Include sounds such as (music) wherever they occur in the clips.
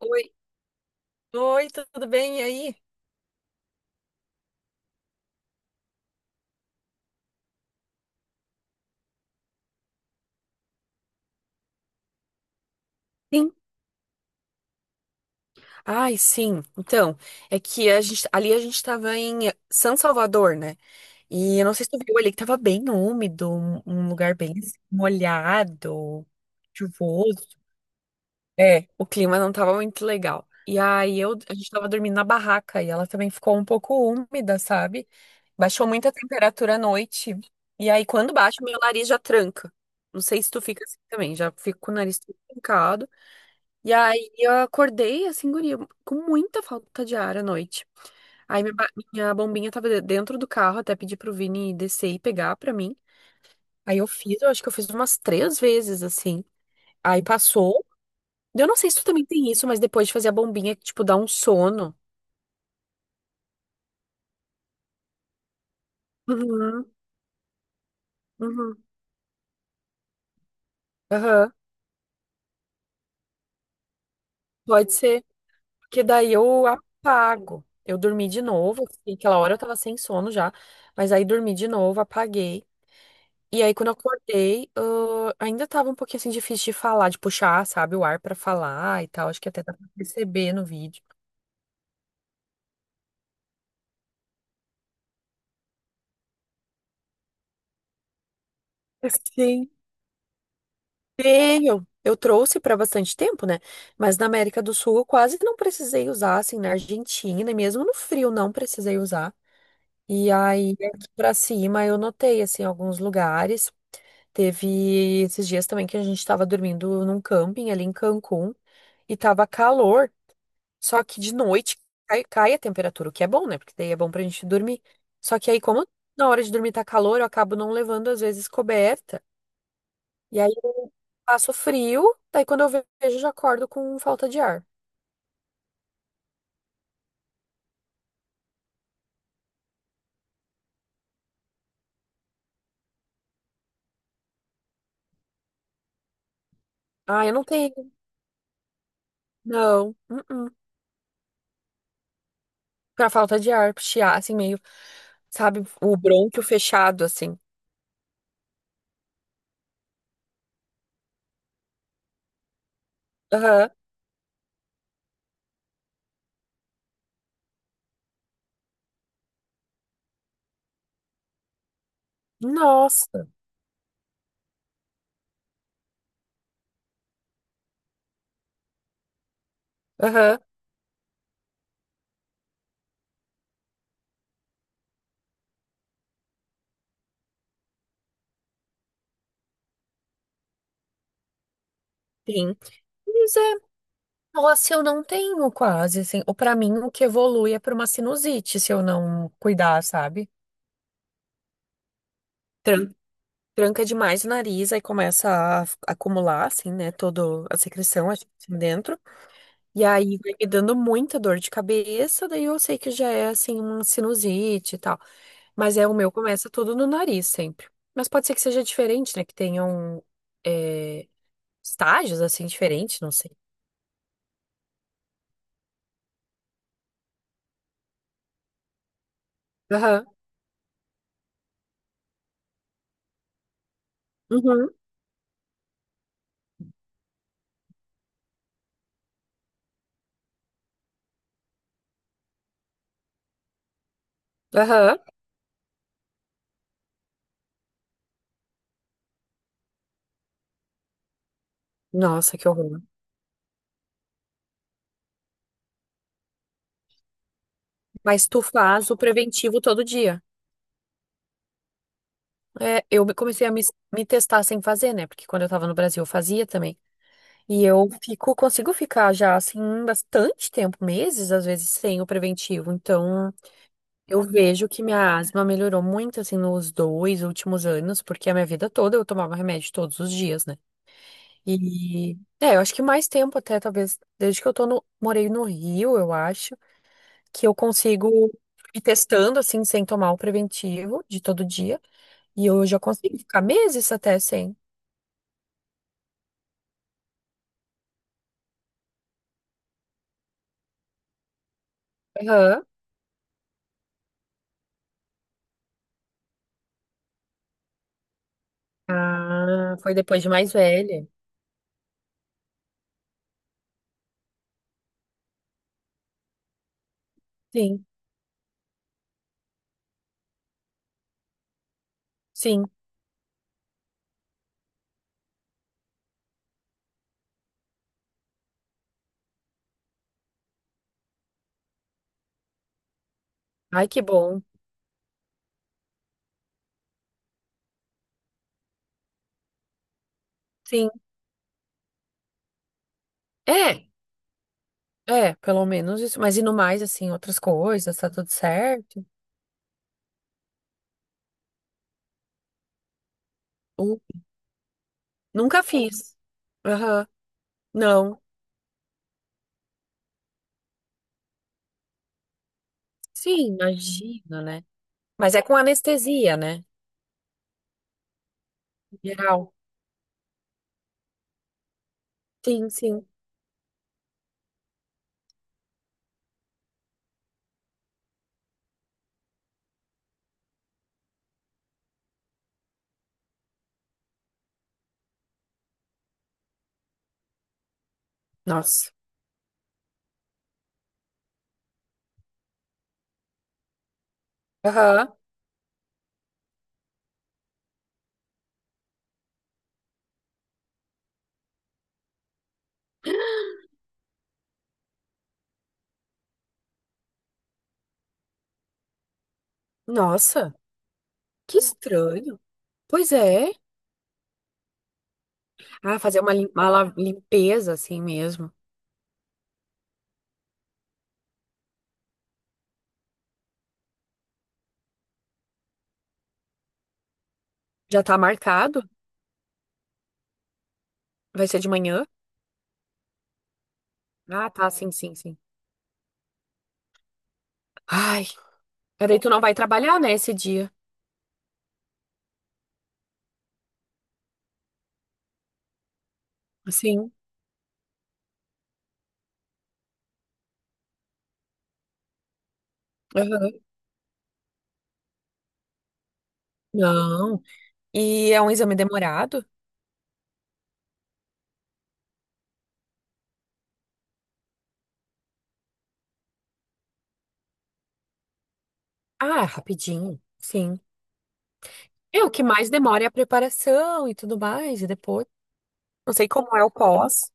Oi, oi, tudo bem? E aí? Sim. Ai, sim. Então, é que ali a gente tava em São Salvador, né? E eu não sei se tu viu ali que tava bem úmido, um lugar bem assim, molhado, chuvoso. É, o clima não tava muito legal. E aí eu, a gente tava dormindo na barraca e ela também ficou um pouco úmida, sabe? Baixou muito a temperatura à noite. E aí quando baixa, meu nariz já tranca. Não sei se tu fica assim também, já fico com o nariz todo trancado. E aí eu acordei assim, guria, com muita falta de ar à noite. Aí minha bombinha tava dentro do carro, até pedi pro Vini descer e pegar pra mim. Aí eu acho que eu fiz umas três vezes assim. Aí passou. Eu não sei se tu também tem isso, mas depois de fazer a bombinha, que, tipo, dá um sono. Uhum, uhum, aham. Pode ser. Porque daí eu apago. Eu dormi de novo, assim, aquela hora eu tava sem sono já, mas aí dormi de novo, apaguei. E aí, quando eu acordei, ah, ainda tava um pouquinho assim difícil de falar, de puxar, sabe, o ar pra falar e tal. Acho que até dá pra perceber no vídeo. (laughs) Sim. Tenho. Eu trouxe pra bastante tempo, né? Mas na América do Sul eu quase não precisei usar, assim, na Argentina, e mesmo no frio não precisei usar. E aí, aqui pra cima, eu notei, assim, alguns lugares. Teve esses dias também que a gente tava dormindo num camping ali em Cancún e tava calor. Só que de noite cai a temperatura, o que é bom, né? Porque daí é bom pra gente dormir. Só que aí, como na hora de dormir tá calor, eu acabo não levando, às vezes, coberta. E aí eu passo frio, daí quando eu vejo, eu já acordo com falta de ar. Ah, eu não tenho. Não. Uh-uh. Pra falta de ar, chiar, assim, meio, sabe, o brônquio fechado, assim. Aham. Nossa. Aham. Sim. Mas é, nossa, eu não tenho quase, assim. Ou pra mim, o que evolui é pra uma sinusite, se eu não cuidar, sabe? Tran- Tranca demais o nariz, aí começa a acumular, assim, né, toda a secreção assim, dentro. E aí vai me dando muita dor de cabeça, daí eu sei que já é, assim, uma sinusite e tal. Mas é o meu, começa tudo no nariz sempre. Mas pode ser que seja diferente, né, que tenham é, estágios, assim, diferentes, não sei. Aham, uhum, aham. Nossa, que horror. Mas tu faz o preventivo todo dia. É, comecei a me testar sem fazer, né? Porque quando eu tava no Brasil eu fazia também. E eu fico, consigo ficar já assim bastante tempo, meses às vezes, sem o preventivo. Então, eu vejo que minha asma melhorou muito assim nos 2 últimos anos, porque a minha vida toda eu tomava remédio todos os dias, né? E é, eu acho que mais tempo até, talvez, desde que eu tô no, morei no Rio, eu acho, que eu consigo ir testando assim sem tomar o preventivo de todo dia. E eu já consigo ficar meses até sem. Aham. Ah, foi depois de mais velha. Sim. Sim. Ai, que bom. Sim. É, é, pelo menos isso. Mas e no mais, assim, outras coisas, tá tudo certo? Nu- Nunca fiz. Aham. Não. Sim, imagino, né? Mas é com anestesia, né? Em geral. Sim, sim. Nossa. Aham. Nossa, que estranho. Pois é. Ah, fazer uma, limpeza assim mesmo. Já tá marcado? Vai ser de manhã? Ah, tá, sim, sim, sim. Ai, daí tu não vai trabalhar, né, esse dia? Sim. Aham. Não. E é um exame demorado? Ah, rapidinho, sim. É o que mais demora é a preparação e tudo mais, e depois. Não sei como é o pós.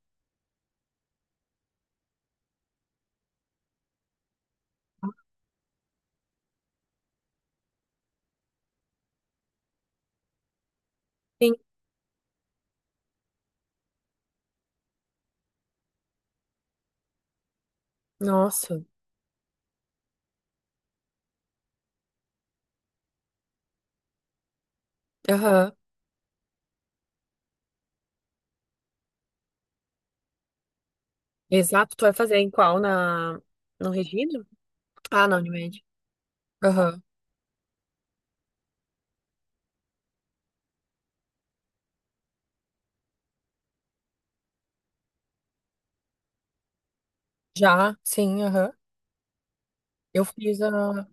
Sim. Nossa. Aham. Exato. Tu vai fazer em qual? Na... No Regina? Ah, na Unimed. Aham. Já, sim, aham. Eu fiz a.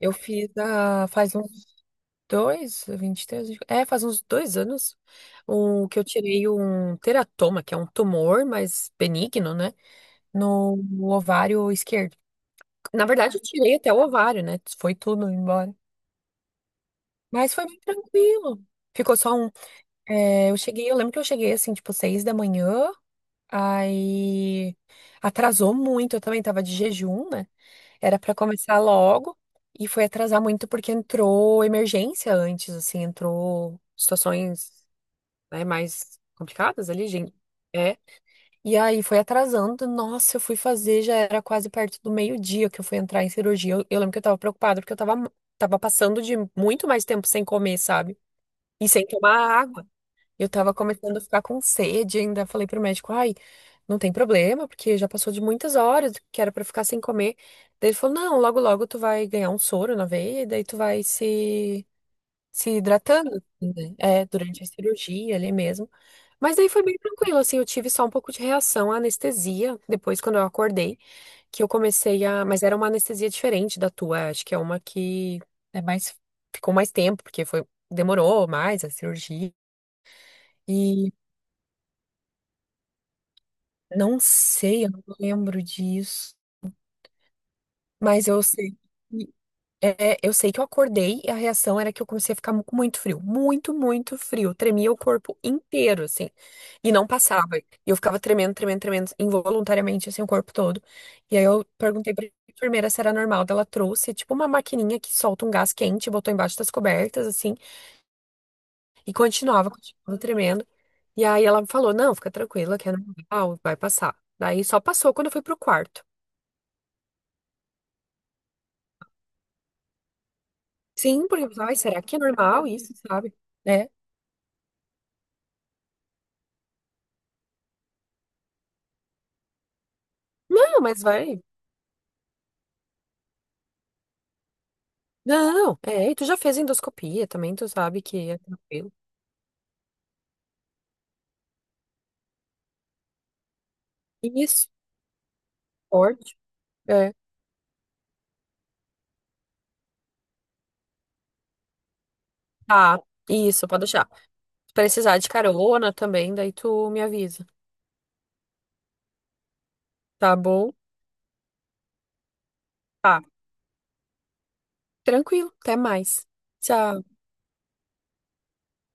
Eu fiz a. Faz uns 2, 23. É, faz uns dois anos. O que eu tirei um teratoma, que é um tumor, mas benigno, né? No ovário esquerdo. Na verdade, eu tirei até o ovário, né? Foi tudo embora. Mas foi bem tranquilo. Ficou só um. É, eu cheguei, eu lembro que eu cheguei assim, tipo, 6 da manhã. Aí atrasou muito. Eu também tava de jejum, né? Era pra começar logo. E foi atrasar muito porque entrou emergência antes, assim, entrou situações, né, mais complicadas ali, gente. É, e aí foi atrasando. Nossa, eu fui fazer, já era quase perto do meio-dia que eu fui entrar em cirurgia. Eu lembro que eu tava preocupada porque eu tava passando de muito mais tempo sem comer, sabe? E sem tomar água. Eu tava começando a ficar com sede ainda. Falei pro médico, ai, não tem problema, porque já passou de muitas horas que era pra ficar sem comer. Daí ele falou, não, logo logo tu vai ganhar um soro na veia e daí tu vai se hidratando, assim, né? É, durante a cirurgia ali mesmo. Mas aí foi bem tranquilo, assim, eu tive só um pouco de reação à anestesia, depois quando eu acordei, que eu comecei a... Mas era uma anestesia diferente da tua, acho que é uma que é mais... Ficou mais tempo, porque foi... Demorou mais a cirurgia. E não sei, eu não lembro disso, mas eu sei. É, eu sei que eu acordei e a reação era que eu comecei a ficar com muito frio, muito, muito frio. Tremia o corpo inteiro, assim, e não passava. E eu ficava tremendo, tremendo, tremendo, involuntariamente, assim, o corpo todo. E aí eu perguntei pra enfermeira se era normal. Daí ela trouxe, tipo, uma maquininha que solta um gás quente, e botou embaixo das cobertas, assim, e continuava, continuava tremendo. E aí ela falou: Não, fica tranquila, que é normal, vai passar. Daí só passou quando eu fui pro quarto. Sim, porque eu pensava, ai, será que é normal isso, sabe? É. Não, mas vai. Não, é, e tu já fez endoscopia também, tu sabe que é tranquilo. Isso, forte. É. Tá, isso, pode deixar. Se precisar de carona também, daí tu me avisa. Tá bom? Tá. Tranquilo, até mais. Tchau.